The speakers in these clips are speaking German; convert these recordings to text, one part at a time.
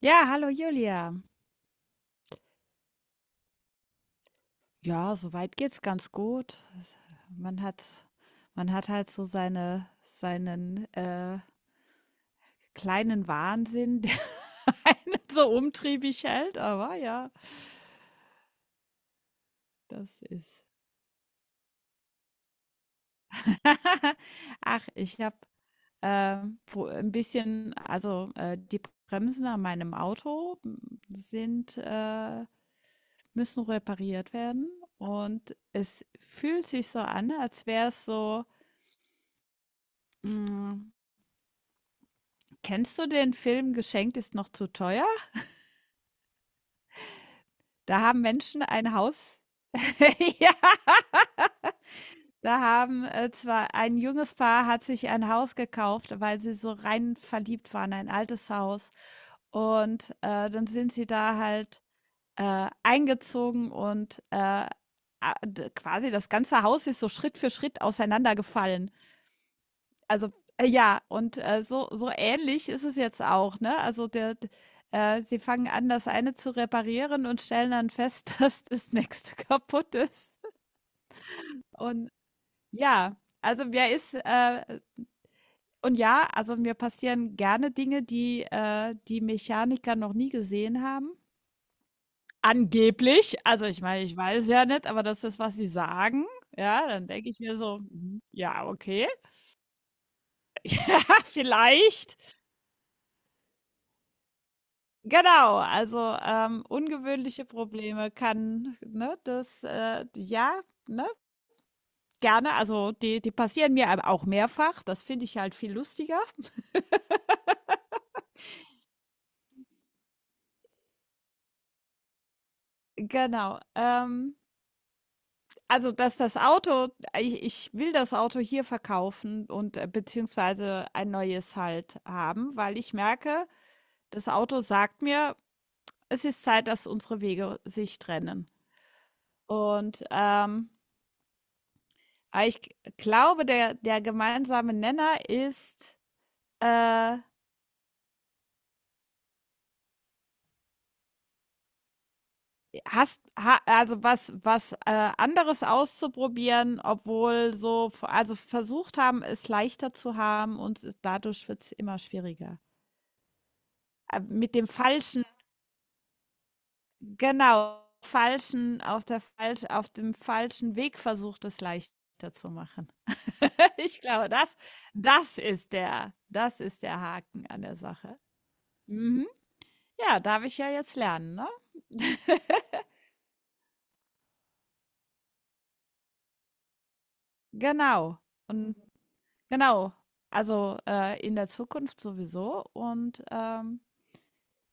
Ja, hallo Julia. Ja, soweit geht's ganz gut. Man hat, man hat halt so seine, seinen kleinen Wahnsinn, der einen so umtriebig hält, aber ja, das ist. Ach, ich habe ein bisschen, die Bremsen an meinem Auto sind, müssen repariert werden und es fühlt sich so an, als wäre es so. mm, Kennst du den Film „Geschenkt ist noch zu teuer“? Da haben Menschen ein Haus ja, zwar ein junges Paar hat sich ein Haus gekauft, weil sie so rein verliebt waren, ein altes Haus. Und, dann sind sie da halt, eingezogen und, a d quasi das ganze Haus ist so Schritt für Schritt auseinandergefallen. Also, ja, und, so ähnlich ist es jetzt auch, ne? Also, der d sie fangen an, das eine zu reparieren und stellen dann fest, dass das nächste kaputt ist. Und ja, also, mir ist, äh und ja, also, mir passieren gerne Dinge, die Mechaniker noch nie gesehen haben. Angeblich. Also, ich meine, ich weiß ja nicht, aber das ist, was sie sagen. Ja, dann denke ich mir so: „Mhm, ja, okay, vielleicht.“ Genau, also, ungewöhnliche Probleme kann, ne, das, ja, ne, gerne. Also, die passieren mir aber auch mehrfach. Das finde ich halt viel lustiger. Genau, also, dass das Auto ich will das Auto hier verkaufen und, beziehungsweise ein neues halt haben, weil ich merke, das Auto sagt mir: „Es ist Zeit, dass unsere Wege sich trennen.“ Und, aber ich g glaube, der gemeinsame Nenner ist Äh, hast ha also, anderes auszuprobieren, obwohl so also, versucht haben, es leichter zu haben und es dadurch wird es immer schwieriger. Mit dem falschen genau, falschen auf der falsch auf dem falschen Weg versucht, es leichter zu machen. Ich glaube, das ist der Haken an der Sache. Mhm. Ja, darf ich ja jetzt lernen, ne? Genau. Und Genau. Also, in der Zukunft sowieso und,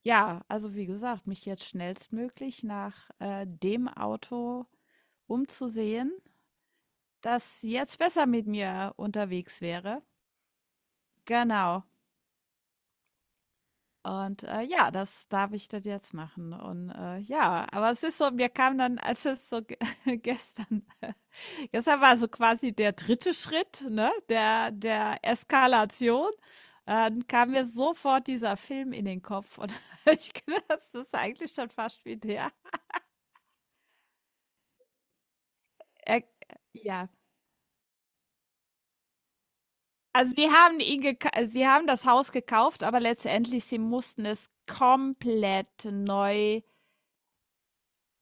ja, also, wie gesagt, mich jetzt schnellstmöglich nach, dem Auto umzusehen, das jetzt besser mit mir unterwegs wäre. Genau. Und, ja, das darf ich das jetzt machen und, ja, aber es ist so mir kam dann, als es so ge gestern Gestern war so quasi der dritte Schritt, ne, der Eskalation. Dann kam mir sofort dieser Film in den Kopf und ich glaube das ist eigentlich schon fast wie der. Er, ja. Also sie haben das Haus gekauft, aber letztendlich sie mussten es komplett neu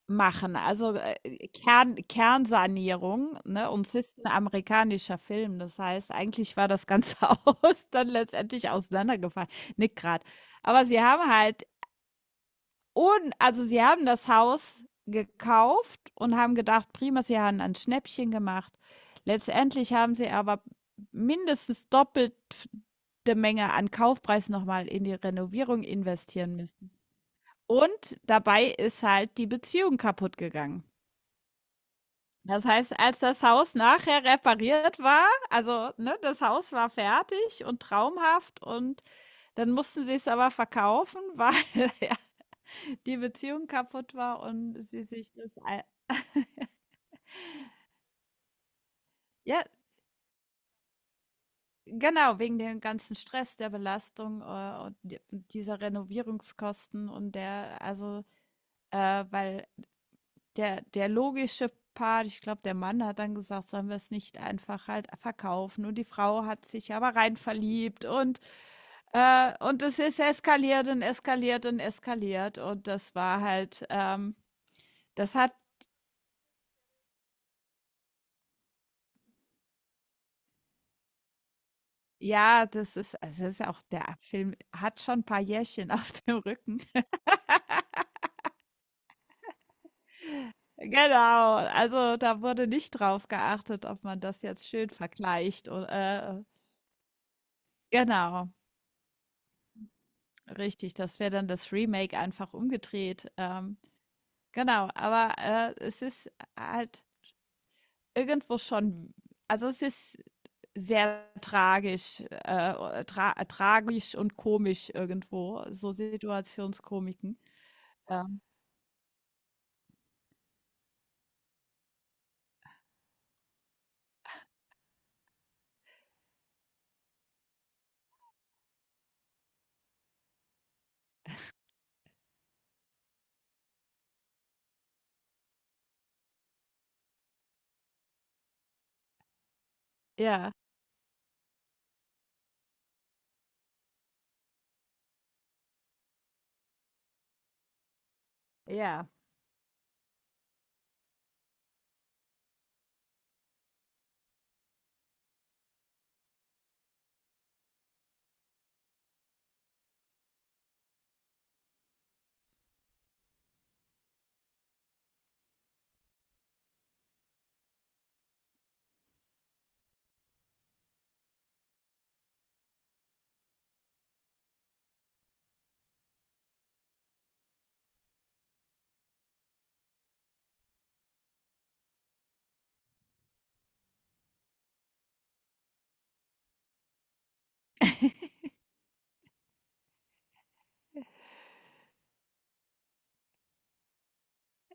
machen. Also, äh, Kernsanierung, ne, und es ist ein amerikanischer Film. Das heißt, eigentlich war das ganze Haus dann letztendlich auseinandergefallen. Nick grad. Aber sie haben halt un also, sie haben das Haus gekauft und haben gedacht: „Prima“, sie haben ein Schnäppchen gemacht. Letztendlich haben sie aber mindestens doppelt f Menge an Kaufpreis nochmal in die Renovierung investieren müssen. Und dabei ist halt die Beziehung kaputt gegangen. Das heißt, als das Haus nachher repariert war also, ne, das Haus war fertig und traumhaft und dann mussten sie es aber verkaufen, weil ja die Beziehung kaputt war und sie sich das ei ja, genau, wegen dem ganzen Stress, der Belastung, und d dieser Renovierungskosten und der also, weil der logische Part ich glaube, der Mann hat dann gesagt: „Sollen wir es nicht einfach halt verkaufen?“ Und die Frau hat sich aber rein verliebt und es ist eskaliert und eskaliert und eskaliert. Und das war halt, das hat, ja, das ist, also es ist auch, der Film hat schon ein paar Jährchen auf dem Rücken. Genau, also da wurde nicht drauf geachtet, ob man das jetzt schön vergleicht. Und, genau, richtig, das wäre dann das Remake einfach umgedreht. Genau, aber es ist halt irgendwo schon, also es ist sehr tragisch und komisch irgendwo, so Situationskomiken. Ähm, ja. Ja.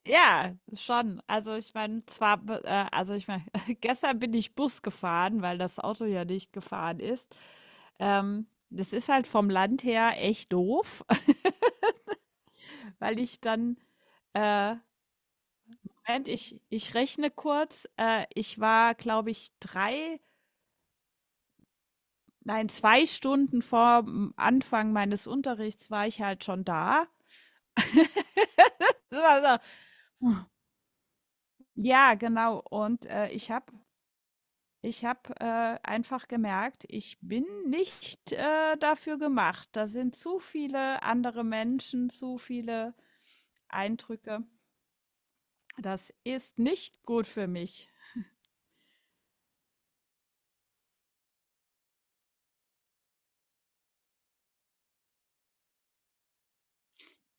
Ja, schon. Also ich meine, also ich meine, gestern bin ich Bus gefahren, weil das Auto ja nicht gefahren ist. Das ist halt vom Land her echt doof, weil ich dann, äh, Moment, ich rechne kurz, ich war, glaube ich, drei Nein, 2 Stunden vorm Anfang meines Unterrichts war ich halt schon da. Ja, genau. Und ich habe, einfach gemerkt, ich bin nicht, dafür gemacht. Da sind zu viele andere Menschen, zu viele Eindrücke. Das ist nicht gut für mich.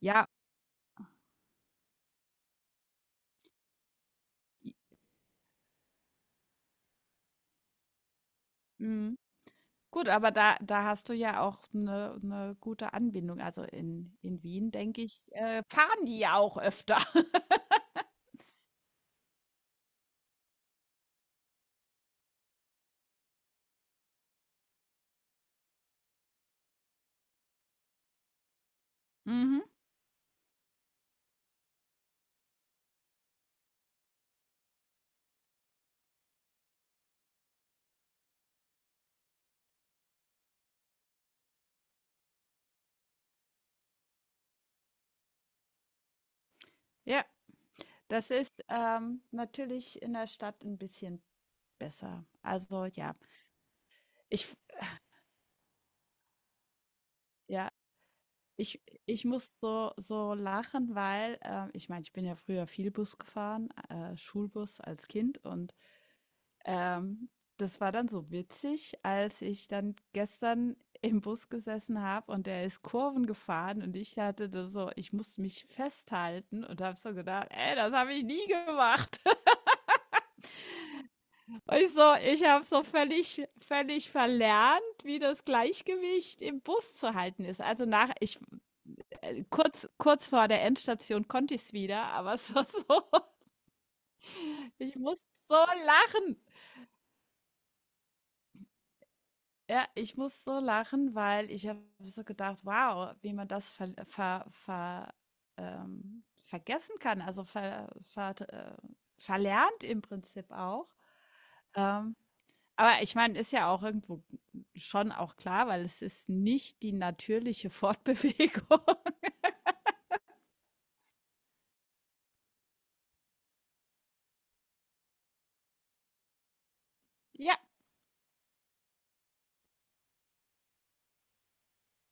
Ja, i mhm. Gut, aber da hast du ja auch eine 'ne gute Anbindung. Also in Wien, denke ich, fahren die ja auch öfter. Mhm. Ja, das ist, natürlich in der Stadt ein bisschen besser. Also, ja, ich f ja, ich ich muss so lachen, weil ich meine, ich bin ja früher viel Bus gefahren, Schulbus als Kind und, ähm, das war dann so witzig, als ich dann gestern im Bus gesessen habe und der ist Kurven gefahren und ich hatte da so ich musste mich festhalten und habe so gedacht: „Ey, das habe ich nie gemacht.“ ich habe so völlig verlernt, wie das Gleichgewicht im Bus zu halten ist. Also, nach ich kurz vor der Endstation konnte ich es wieder, aber es war so ich muss so lachen. Ja, ich muss so lachen, weil ich habe so gedacht: „Wow, wie man das vergessen kann.“ Also, verlernt im Prinzip auch, ähm, aber ich meine, ist ja auch irgendwo schon auch klar, weil es ist nicht die natürliche Fortbewegung. Ja,